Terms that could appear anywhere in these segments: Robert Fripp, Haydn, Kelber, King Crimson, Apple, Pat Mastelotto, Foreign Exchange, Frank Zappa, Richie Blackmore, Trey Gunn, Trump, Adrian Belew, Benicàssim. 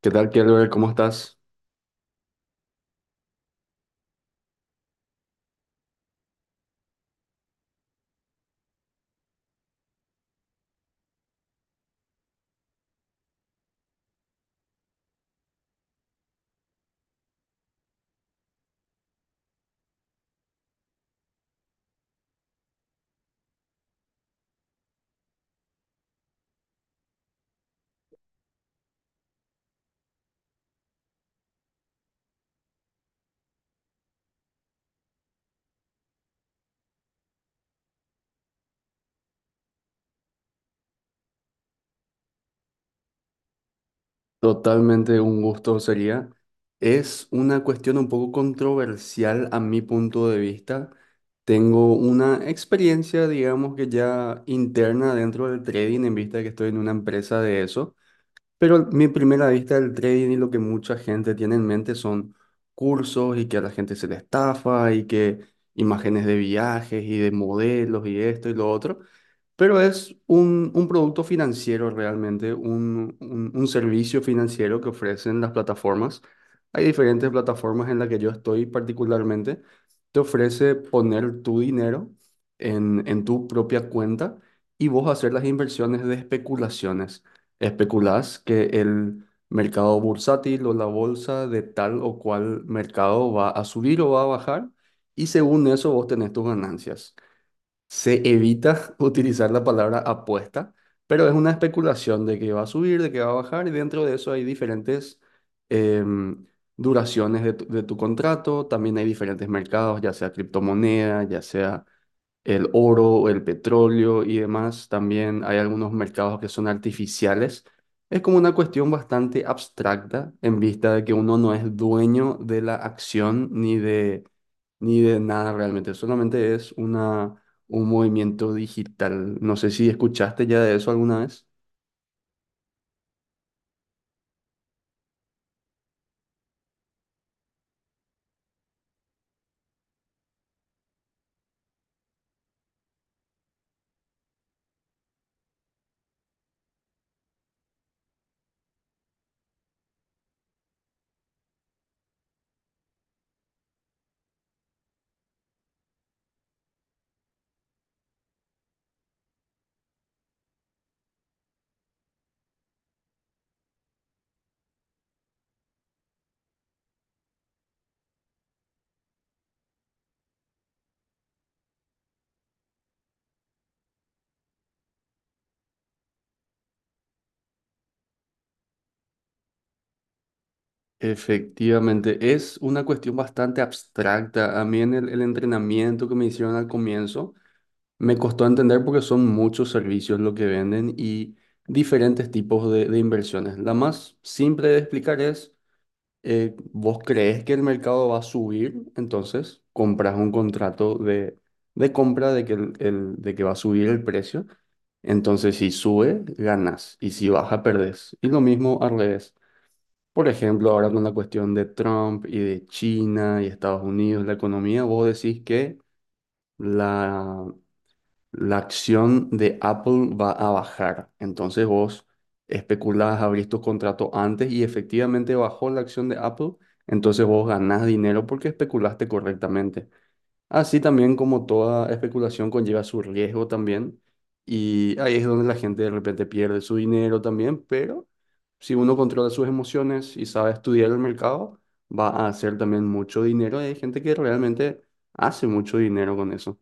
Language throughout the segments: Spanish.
¿Qué tal, Kelber? ¿Cómo estás? Totalmente un gusto sería. Es una cuestión un poco controversial a mi punto de vista. Tengo una experiencia, digamos que ya interna dentro del trading, en vista de que estoy en una empresa de eso. Pero mi primera vista del trading y lo que mucha gente tiene en mente son cursos y que a la gente se le estafa y que imágenes de viajes y de modelos y esto y lo otro. Pero es un producto financiero realmente, un servicio financiero que ofrecen las plataformas. Hay diferentes plataformas en las que yo estoy particularmente. Te ofrece poner tu dinero en tu propia cuenta y vos hacer las inversiones de especulaciones. Especulás que el mercado bursátil o la bolsa de tal o cual mercado va a subir o va a bajar y según eso vos tenés tus ganancias. Se evita utilizar la palabra apuesta, pero es una especulación de que va a subir, de que va a bajar, y dentro de eso hay diferentes em, duraciones de tu contrato, también hay diferentes mercados, ya sea criptomoneda, ya sea el oro, el petróleo y demás. También hay algunos mercados que son artificiales. Es como una cuestión bastante abstracta en vista de que uno no es dueño de la acción ni de, ni de nada realmente. Solamente es un movimiento digital. No sé si escuchaste ya de eso alguna vez. Efectivamente, es una cuestión bastante abstracta. A mí en el entrenamiento que me hicieron al comienzo, me costó entender porque son muchos servicios lo que venden y diferentes tipos de inversiones. La más simple de explicar es, vos crees que el mercado va a subir, entonces compras un contrato de compra de que va a subir el precio. Entonces si sube, ganas y si baja, perdés. Y lo mismo al revés. Por ejemplo, ahora con la cuestión de Trump y de China y Estados Unidos, la economía, vos decís que. La la acción de Apple va a bajar. Entonces vos especulás, abrís tus contratos antes y efectivamente bajó la acción de Apple. Entonces vos ganás dinero porque especulaste correctamente. Así también como toda especulación conlleva su riesgo también. Y ahí es donde la gente de repente pierde su dinero también. Pero si uno controla sus emociones y sabe estudiar el mercado, va a hacer también mucho dinero. Hay gente que realmente hace mucho dinero con eso.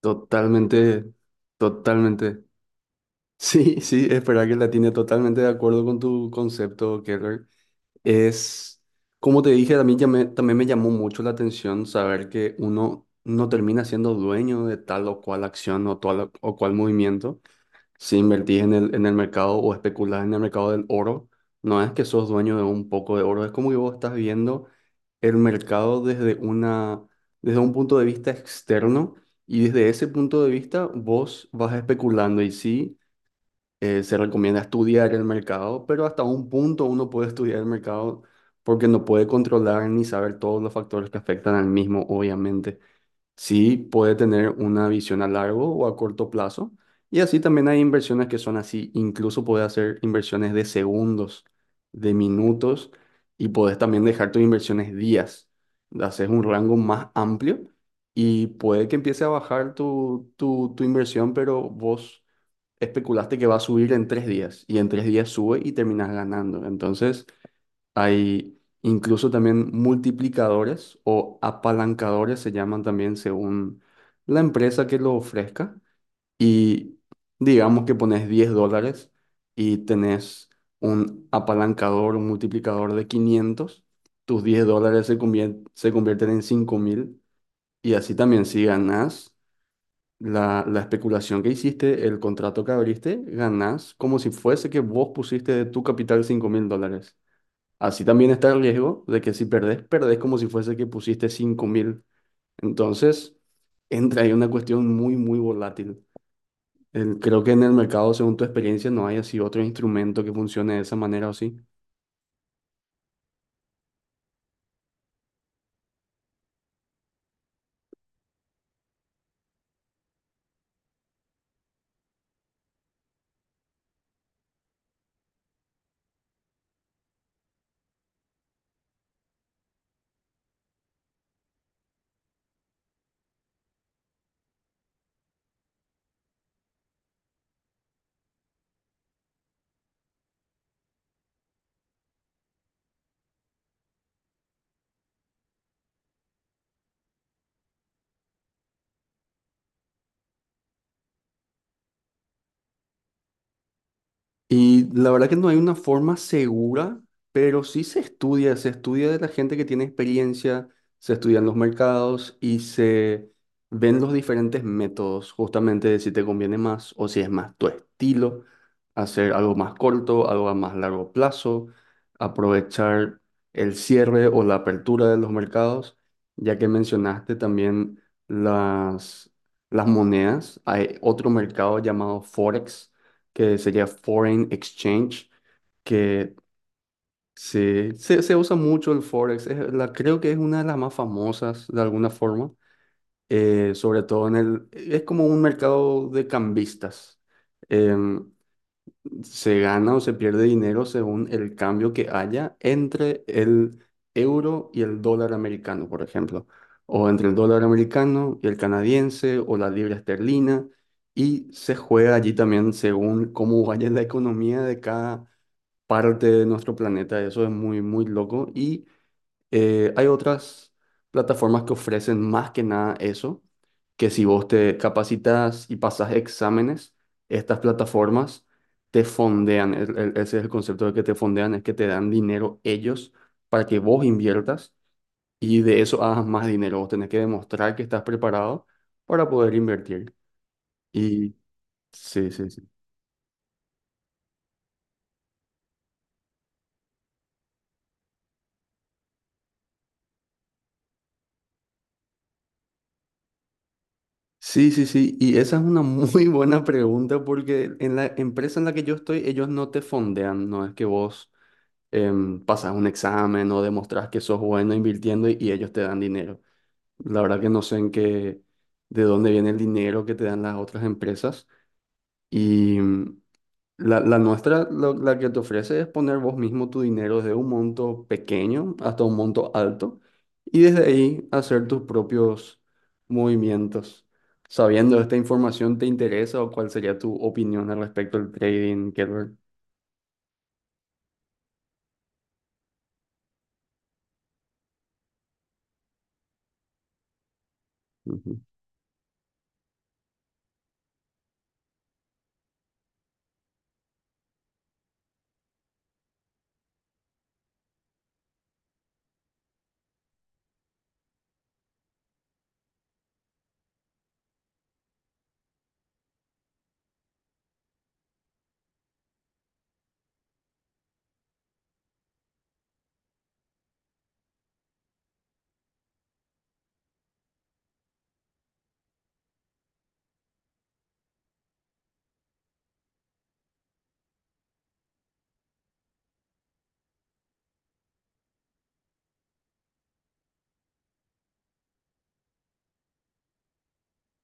Totalmente, totalmente. Sí, sí, espera que la tiene totalmente de acuerdo con tu concepto, Keller. Es, como te dije, a mí ya me- también me llamó mucho la atención saber que uno no termina siendo dueño de tal o cual acción o tal o cual movimiento. Si invertís en el mercado o especulás en el mercado del oro, no es que sos dueño de un poco de oro, es como que vos estás viendo el mercado desde una, desde un punto de vista externo y desde ese punto de vista vos vas especulando y sí, se recomienda estudiar el mercado, pero hasta un punto uno puede estudiar el mercado porque no puede controlar ni saber todos los factores que afectan al mismo, obviamente. Sí, puede tener una visión a largo o a corto plazo. Y así también hay inversiones que son así. Incluso puedes hacer inversiones de segundos, de minutos, y puedes también dejar tus inversiones días. Haces un rango más amplio y puede que empiece a bajar tu inversión, pero vos especulaste que va a subir en 3 días y en tres días sube y terminas ganando. Entonces. Hay incluso también multiplicadores o apalancadores, se llaman también según la empresa que lo ofrezca. Y digamos que pones $10 y tenés un apalancador, un multiplicador de 500 tus $10 se convierten en 5.000 y así también si ganás la especulación que hiciste, el contrato que abriste, ganás como si fuese que vos pusiste de tu capital $5.000. Así también está el riesgo de que si perdés, perdés como si fuese que pusiste 5.000. Entonces, entra ahí una cuestión muy, muy volátil. El- creo que en el mercado, según tu experiencia, no hay así otro instrumento que funcione de esa manera o sí. Y la verdad que no hay una forma segura, pero sí se estudia de la gente que tiene experiencia, se estudian los mercados y se ven los diferentes métodos, justamente de si te conviene más o si es más tu estilo, hacer algo más corto, algo a más largo plazo, aprovechar el cierre o la apertura de los mercados, ya que mencionaste también las, las monedas, hay otro mercado llamado Forex que sería Foreign Exchange, que se usa mucho el Forex. Es la, creo que es una de las más famosas de alguna forma, sobre todo en el. Es como un mercado de cambistas. Em, Se gana o se pierde dinero según el cambio que haya entre el euro y el dólar americano, por ejemplo, o entre el dólar americano y el canadiense o la libra esterlina, y se juega allí también según cómo vaya la economía de cada parte de nuestro planeta. Eso es muy, muy loco. Y hay otras plataformas que ofrecen más que nada eso que si vos te capacitas y pasas exámenes, estas plataformas te fondean. El- ese es el concepto de que te fondean, es que te dan dinero ellos para que vos inviertas y de eso hagas más dinero. Vos tenés que demostrar que estás preparado para poder invertir. Y sí, sí, sí. Sí, sí, sí. Y esa es una muy buena pregunta porque en la empresa en la que yo estoy, ellos no te fondean, no es que vos. Em, pasas un examen o demostras que sos bueno invirtiendo y ellos te dan dinero. La verdad que no sé en qué, de dónde viene el dinero que te dan las otras empresas. Y la nuestra, la que te ofrece es poner vos mismo tu dinero desde un monto pequeño hasta un monto alto y desde ahí hacer tus propios movimientos. Sabiendo esta información, ¿te interesa o cuál sería tu opinión al respecto del trading, Kelber? Ujú.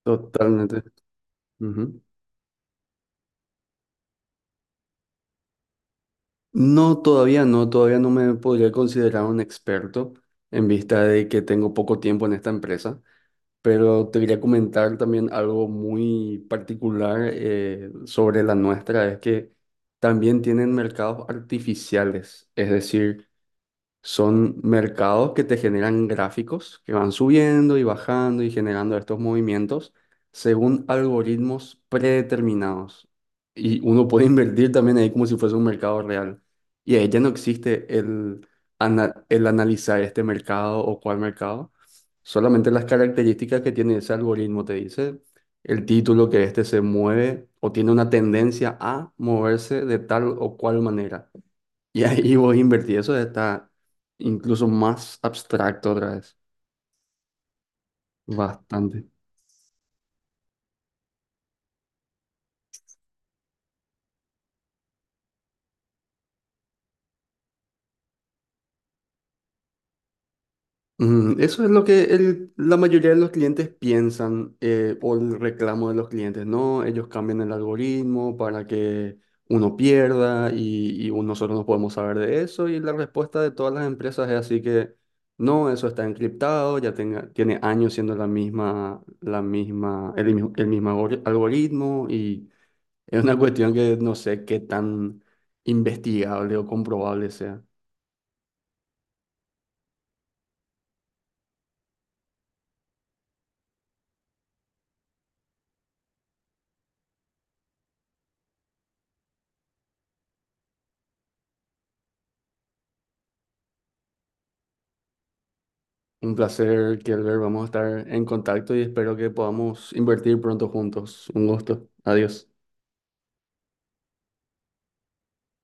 Totalmente. Ujú. No, todavía no, todavía no me podría considerar un experto en vista de que tengo poco tiempo en esta empresa, pero te quería comentar también algo muy particular sobre la nuestra, es que también tienen mercados artificiales, es decir, son mercados que te generan gráficos que van subiendo y bajando y generando estos movimientos según algoritmos predeterminados. Y uno puede invertir también ahí como si fuese un mercado real. Y ahí ya no existe el analizar este mercado o cuál mercado. Solamente las características que tiene ese algoritmo te dice el título que este se mueve o tiene una tendencia a moverse de tal o cual manera. Y ahí vos invertí. Eso está incluso más abstracto otra vez. Bastante. Mm, eso es lo que el- la mayoría de los clientes piensan o el reclamo de los clientes, ¿no? Ellos cambian el algoritmo para que uno pierda y nosotros no podemos saber de eso y la respuesta de todas las empresas es así que no, eso está encriptado, ya tiene años siendo la misma, el mismo algoritmo y es una cuestión que no sé qué tan investigable o comprobable sea. Un placer, Kelber. Vamos a estar en contacto y espero que podamos invertir pronto juntos. Un gusto. Adiós.